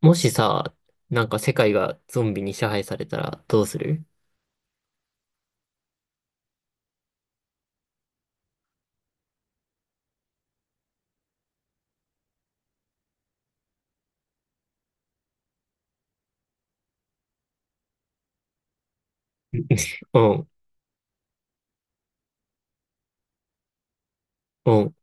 もしさ、なんか世界がゾンビに支配されたらどうする？ うん。うん。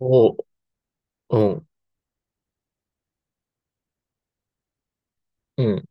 おう。うん。うん。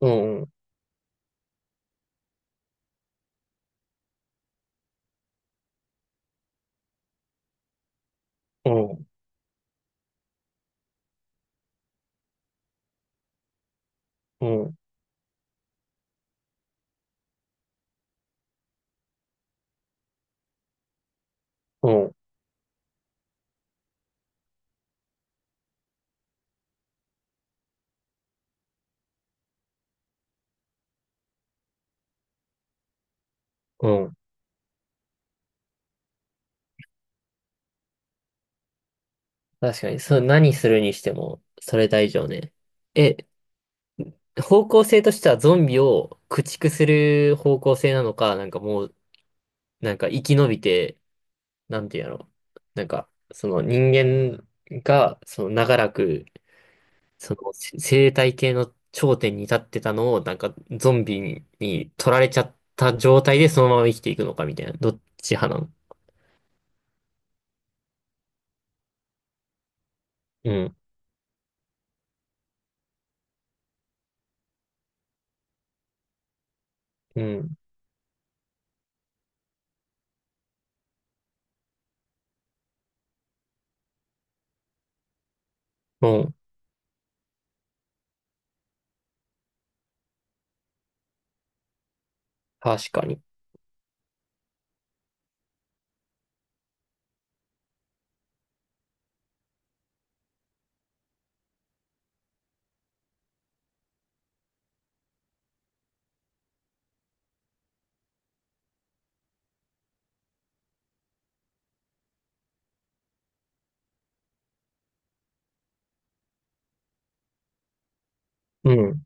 うん。うん。うん。うん。うん。確かに、そう、何するにしても、それ大丈夫ね。え、方向性としてはゾンビを駆逐する方向性なのか、なんかもう、なんか生き延びて、なんていうの、なんか、その人間が、その長らくその生態系の頂点に立ってたのを、なんかゾンビに取られちゃった状態でそのまま生きていくのかみたいな。どっち派なの？うん。うん。うん。確かに。うん。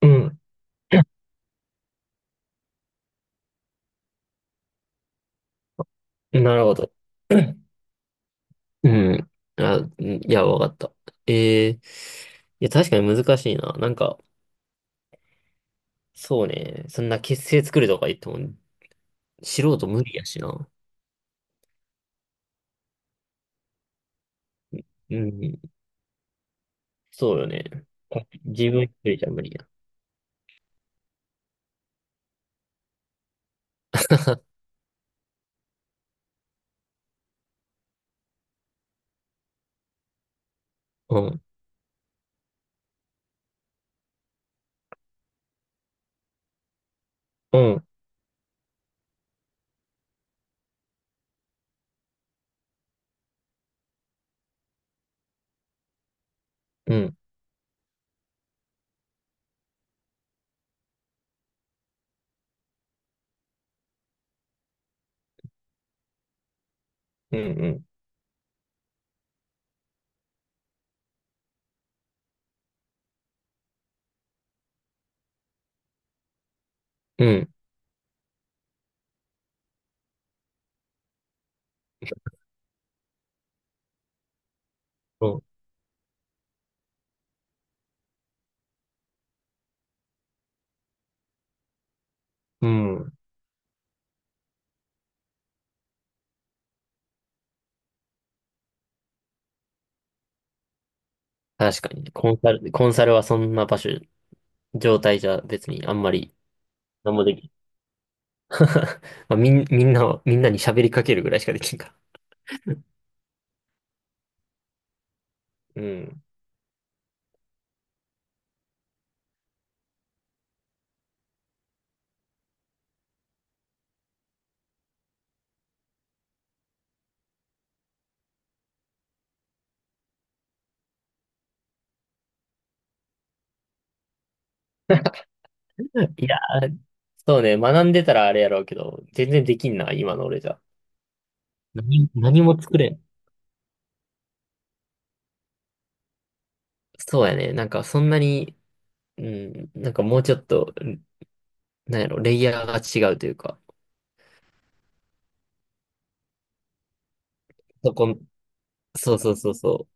うん。なるほど。うん。あ、うん、いや、わかった。いや、確かに難しいな。なんか、そうね。そんな結成作るとか言っても、素人無理やしな。うん。そうよね。自分一人じゃ無理や。うん。うん。うん。うん。うん。うん、そう。うん。確かに。コンサルはそんな場所、状態じゃ別にあんまり何もできない。 まあ、みんなに喋りかけるぐらいしかできんから。うん。いやー、そうね。学んでたらあれやろうけど、全然できんな、今の俺じゃ。何も作れん。そうやね。なんかそんなに、うん、なんかもうちょっと、うん、なんやろ、レイヤーが違うというか、そこ、そうそうそうそ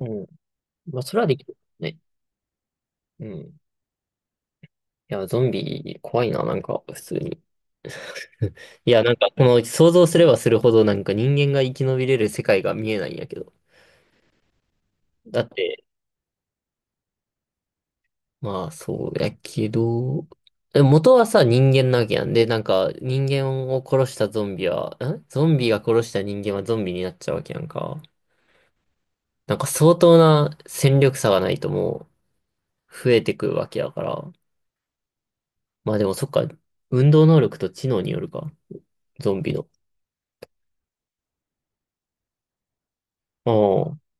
う。うん。まあ、それはできるね。うん。いや、ゾンビ怖いな、なんか、普通に。いや、なんか、この想像すればするほど、なんか人間が生き延びれる世界が見えないんやけど。だって、まあ、そうやけど、元はさ、人間なわけやん。で、なんか、人間を殺したゾンビは、ゾンビが殺した人間はゾンビになっちゃうわけやんか。なんか、相当な戦力差がないともう、増えてくるわけやから。まあでも、そっか、運動能力と知能によるか。ゾンビの。ああ、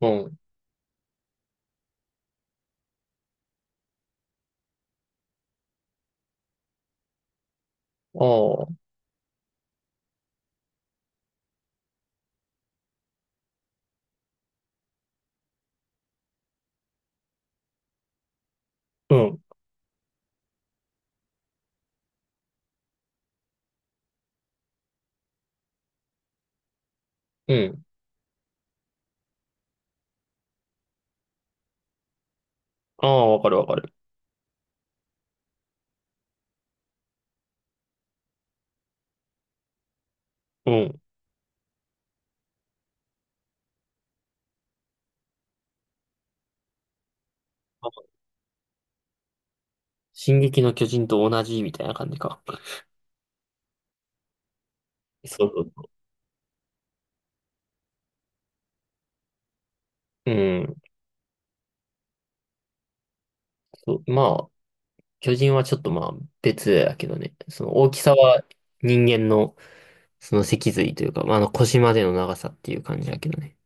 うん、ああ、うん、うん。ああ、わかるわかる。うん。進撃の巨人と同じみたいな感じか。そうそうそう。うん。そう、まあ、巨人はちょっとまあ別だけどね。その大きさは人間のその脊髄というか、まあ、あの腰までの長さっていう感じだけどね。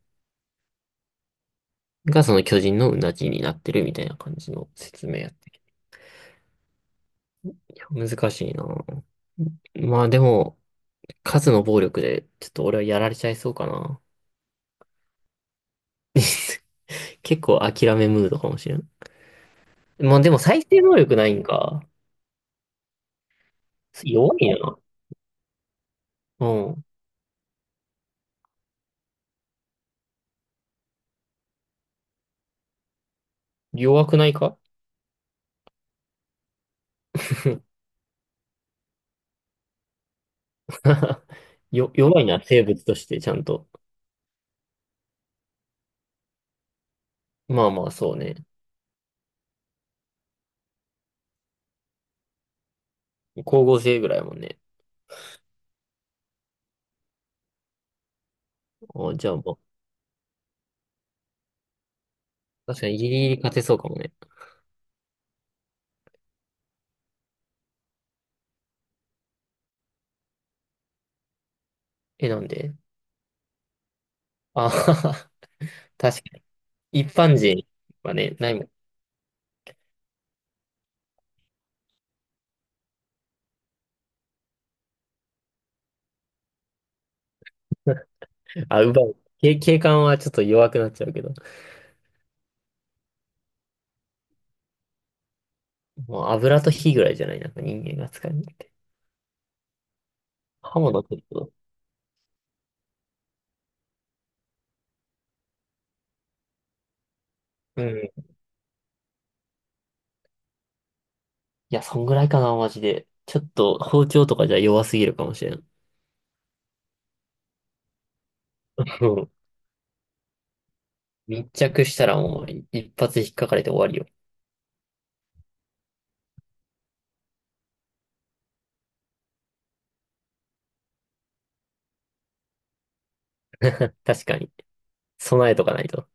がその巨人のうなじになってるみたいな感じの説明やって、いや難しいな。まあでも、数の暴力でちょっと俺はやられちゃいそうかな。結構諦めムードかもしれん。まあでも再生能力ないんか。弱いな。うん。弱くないか？ 弱いな、生物としてちゃんと。まあまあ、そうね。光合成ぐらいやもんね。あ、じゃあもう確かにギリギリ勝てそうかもね。え、なんで？あ。 確かに。一般人はね、ないもん。あ、奪う。警官はちょっと弱くなっちゃうけど。もう油と火ぐらいじゃないなんか人間が使うのって。刃物取ると。うん。いや、そんぐらいかな、マジで。ちょっと包丁とかじゃ弱すぎるかもしれん。うん。密着したらもう一発引っかかれて終わりよ。確かに。備えとかないと。